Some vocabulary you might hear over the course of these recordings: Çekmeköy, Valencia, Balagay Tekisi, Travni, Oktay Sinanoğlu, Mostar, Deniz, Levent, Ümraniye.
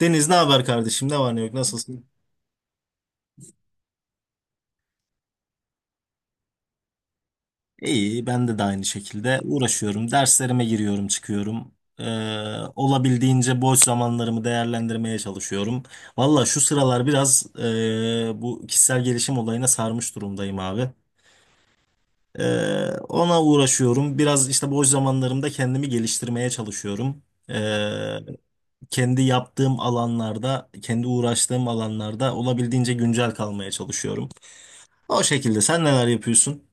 Deniz ne haber kardeşim? Ne var ne yok? Nasılsın? İyi, ben de, aynı şekilde uğraşıyorum. Derslerime giriyorum, çıkıyorum. Ee, Olabildiğince boş zamanlarımı değerlendirmeye çalışıyorum. Valla şu sıralar biraz bu kişisel gelişim olayına sarmış durumdayım abi. Ona uğraşıyorum. Biraz işte boş zamanlarımda kendimi geliştirmeye çalışıyorum. Ee, Kendi yaptığım alanlarda, kendi uğraştığım alanlarda olabildiğince güncel kalmaya çalışıyorum. O şekilde sen neler yapıyorsun?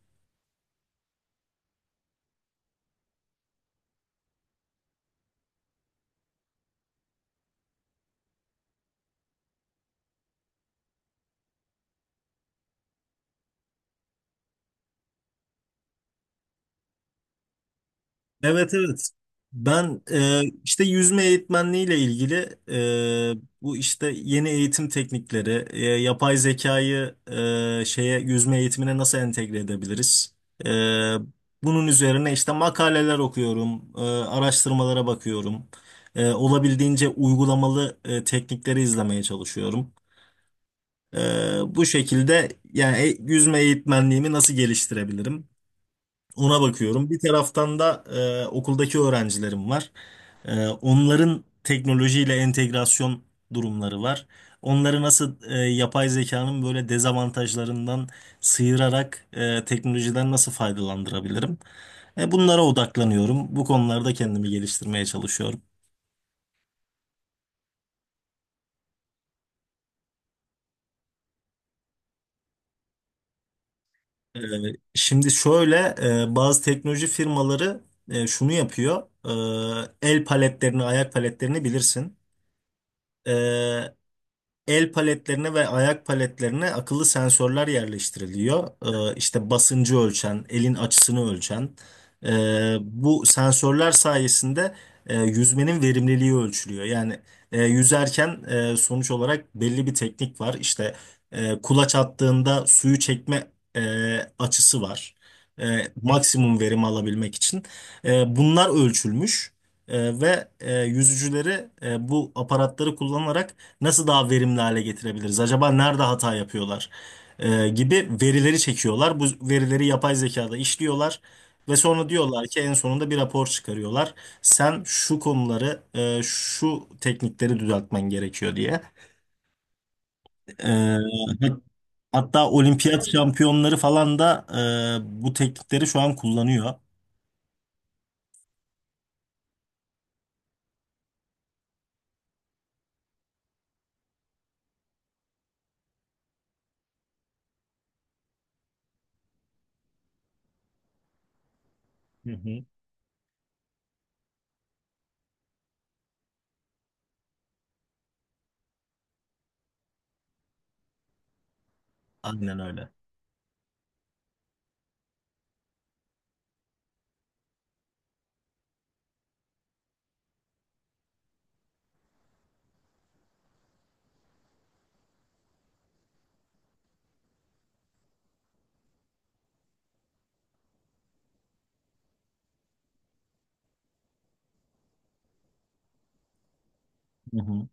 Evet, evet. Ben işte yüzme eğitmenliğiyle ilgili bu işte yeni eğitim teknikleri, yapay zekayı şeye yüzme eğitimine nasıl entegre edebiliriz? E, Bunun üzerine işte makaleler okuyorum, araştırmalara bakıyorum. Olabildiğince uygulamalı teknikleri izlemeye çalışıyorum. E, Bu şekilde yani yüzme eğitmenliğimi nasıl geliştirebilirim? Ona bakıyorum. Bir taraftan da okuldaki öğrencilerim var. Onların teknolojiyle entegrasyon durumları var. Onları nasıl yapay zekanın böyle dezavantajlarından sıyırarak teknolojiden nasıl faydalandırabilirim? Bunlara odaklanıyorum. Bu konularda kendimi geliştirmeye çalışıyorum. E, Şimdi şöyle, bazı teknoloji firmaları şunu yapıyor. E, el paletlerini, ayak paletlerini bilirsin. E, El paletlerine ve ayak paletlerine akıllı sensörler yerleştiriliyor. İşte basıncı ölçen, elin açısını ölçen. Bu sensörler sayesinde yüzmenin verimliliği ölçülüyor. Yani yüzerken sonuç olarak belli bir teknik var. İşte kulaç attığında suyu çekme açısı var. Maksimum verim alabilmek için. Bunlar ölçülmüş, ve yüzücüleri bu aparatları kullanarak nasıl daha verimli hale getirebiliriz? Acaba nerede hata yapıyorlar? Gibi verileri çekiyorlar. Bu verileri yapay zekada işliyorlar ve sonra diyorlar ki en sonunda bir rapor çıkarıyorlar. Sen şu konuları, şu teknikleri düzeltmen gerekiyor diye. Ee, hat- hatta olimpiyat şampiyonları falan da bu teknikleri şu an kullanıyor. Hı hı. Aynen öyle. Hı hı.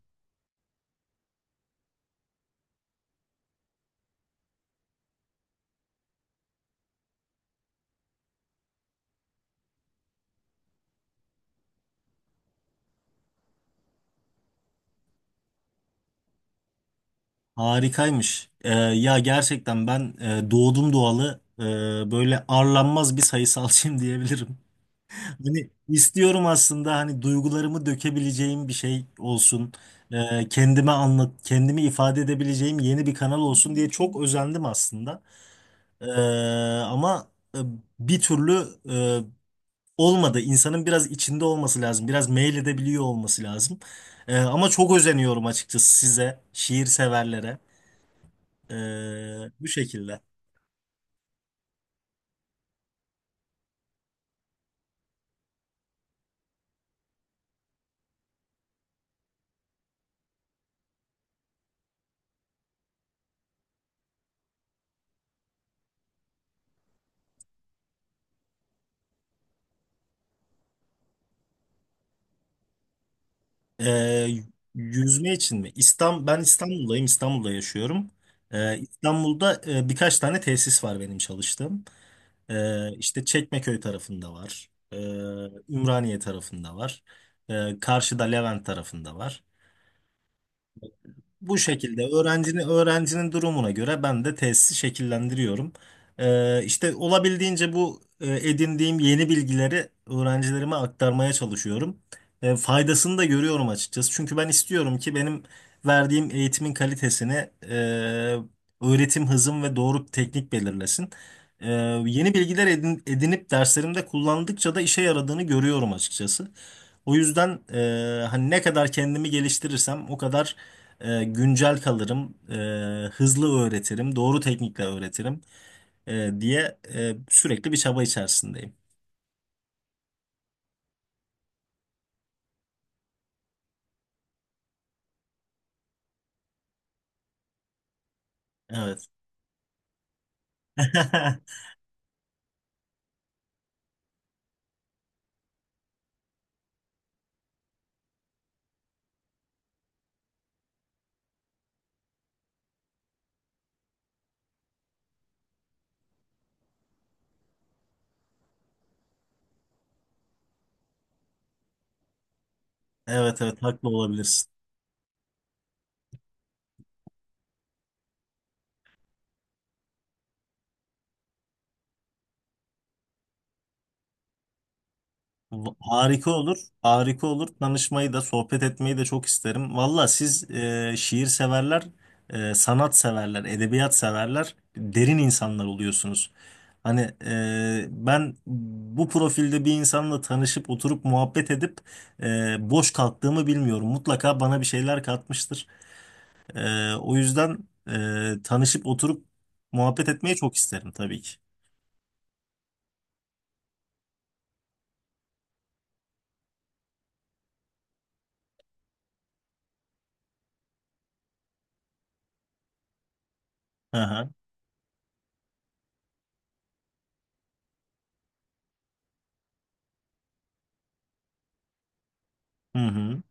Harikaymış. Ya gerçekten ben doğdum doğalı böyle arlanmaz bir sayısalcıyım diyebilirim. Hani istiyorum aslında hani duygularımı dökebileceğim bir şey olsun. Kendime anlat, kendimi ifade edebileceğim yeni bir kanal olsun diye çok özendim aslında. Ee, Ama e, bir türlü olmadı. İnsanın biraz içinde olması lazım. Biraz meyledebiliyor olması lazım. Ama çok özeniyorum açıkçası size, şiir severlere. Bu şekilde. Ee, Yüzme için mi? İstanbul, ben İstanbul'dayım. İstanbul'da yaşıyorum. İstanbul'da birkaç tane tesis var benim çalıştığım. İşte Çekmeköy tarafında var. Ümraniye tarafında var. Karşıda Levent tarafında var. Bu şekilde öğrencinin durumuna göre ben de tesisi şekillendiriyorum. İşte olabildiğince bu edindiğim yeni bilgileri öğrencilerime aktarmaya çalışıyorum. Faydasını da görüyorum açıkçası. Çünkü ben istiyorum ki benim verdiğim eğitimin kalitesini öğretim hızım ve doğru teknik belirlesin. E, Yeni bilgiler edinip derslerimde kullandıkça da işe yaradığını görüyorum açıkçası. O yüzden hani ne kadar kendimi geliştirirsem o kadar güncel kalırım, hızlı öğretirim, doğru teknikle öğretirim diye sürekli bir çaba içerisindeyim. Evet. Evet, evet, haklı olabilirsin. Harika olur. Harika olur. Tanışmayı da, sohbet etmeyi de çok isterim. Valla siz şiir severler, sanat severler, edebiyat severler, derin insanlar oluyorsunuz. Hani ben bu profilde bir insanla tanışıp oturup muhabbet edip boş kalktığımı bilmiyorum. Mutlaka bana bir şeyler katmıştır. O yüzden tanışıp oturup muhabbet etmeyi çok isterim tabii ki. Aha, hı hı,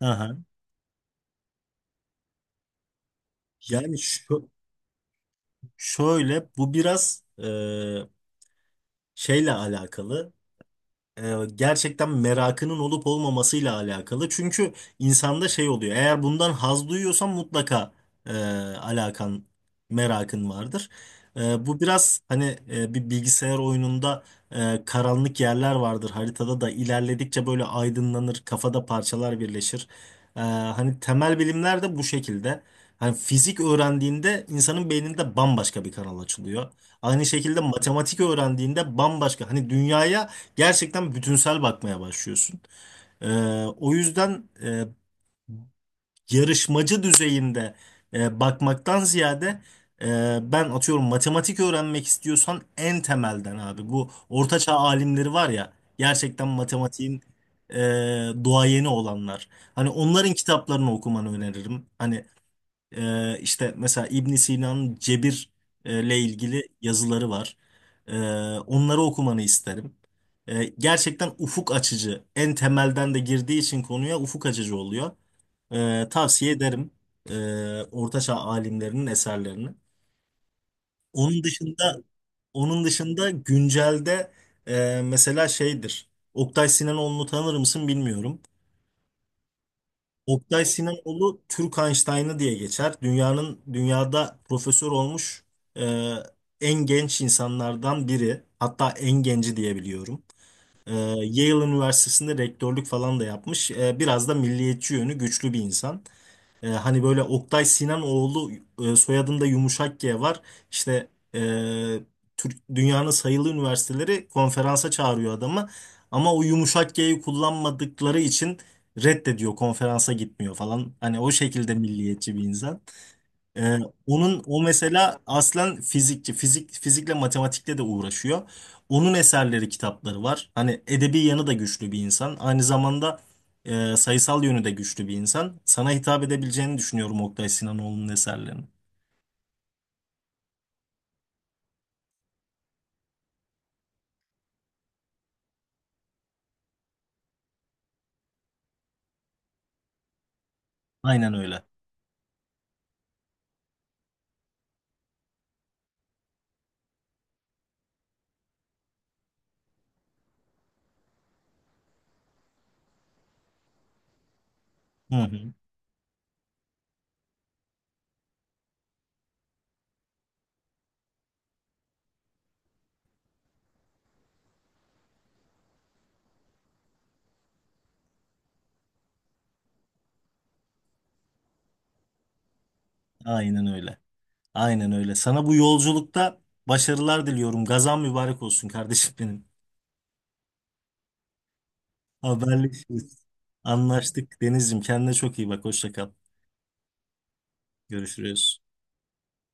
aha. Yani şu, şöyle bu biraz şeyle alakalı. Gerçekten merakının olup olmamasıyla alakalı. Çünkü insanda şey oluyor. Eğer bundan haz duyuyorsan mutlaka e, alakan, merakın vardır. Bu biraz hani bir bilgisayar oyununda karanlık yerler vardır. Haritada da ilerledikçe böyle aydınlanır, kafada parçalar birleşir. Hani temel bilimler de bu şekilde. Hani fizik öğrendiğinde insanın beyninde bambaşka bir kanal açılıyor. Aynı şekilde matematik öğrendiğinde bambaşka. Hani dünyaya gerçekten bütünsel bakmaya başlıyorsun. Ee, O yüzden yarışmacı düzeyinde bakmaktan ziyade ben atıyorum matematik öğrenmek istiyorsan en temelden abi. Bu ortaçağ alimleri var ya, gerçekten matematiğin e, duayeni olanlar. Hani onların kitaplarını okumanı öneririm. Hani işte mesela İbn Sina'nın cebir ile ilgili yazıları var. Ee, Onları okumanı isterim. Gerçekten ufuk açıcı. En temelden de girdiği için konuya ufuk açıcı oluyor. Tavsiye ederim Ortaçağ alimlerinin eserlerini. Onun dışında onun dışında güncelde mesela şeydir. Oktay Sinanoğlu'nu tanır mısın bilmiyorum. Oktay Sinanoğlu Türk Einstein'ı diye geçer. Dünyada profesör olmuş e, en genç insanlardan biri. Hatta en genci diye biliyorum. E, Yale Üniversitesi'nde rektörlük falan da yapmış. E, biraz da milliyetçi yönü güçlü bir insan. Hani böyle Oktay Sinanoğlu soyadında yumuşak G var. İşte e, Türk, dünyanın sayılı üniversiteleri konferansa çağırıyor adamı. Ama o yumuşak G'yi kullanmadıkları için reddediyor, konferansa gitmiyor falan. Hani o şekilde milliyetçi bir insan. Ee, Onun o mesela aslen fizikçi, fizikle matematikle de uğraşıyor. Onun eserleri, kitapları var. Hani edebi yanı da güçlü bir insan. Aynı zamanda sayısal yönü de güçlü bir insan. Sana hitap edebileceğini düşünüyorum Oktay Sinanoğlu'nun eserlerini. Aynen öyle. Hı hı. Aynen öyle. Aynen öyle. Sana bu yolculukta başarılar diliyorum. Gazan mübarek olsun kardeşim benim. Haberleşiriz. Anlaştık Deniz'ciğim. Kendine çok iyi bak. Hoşça kal. Görüşürüz.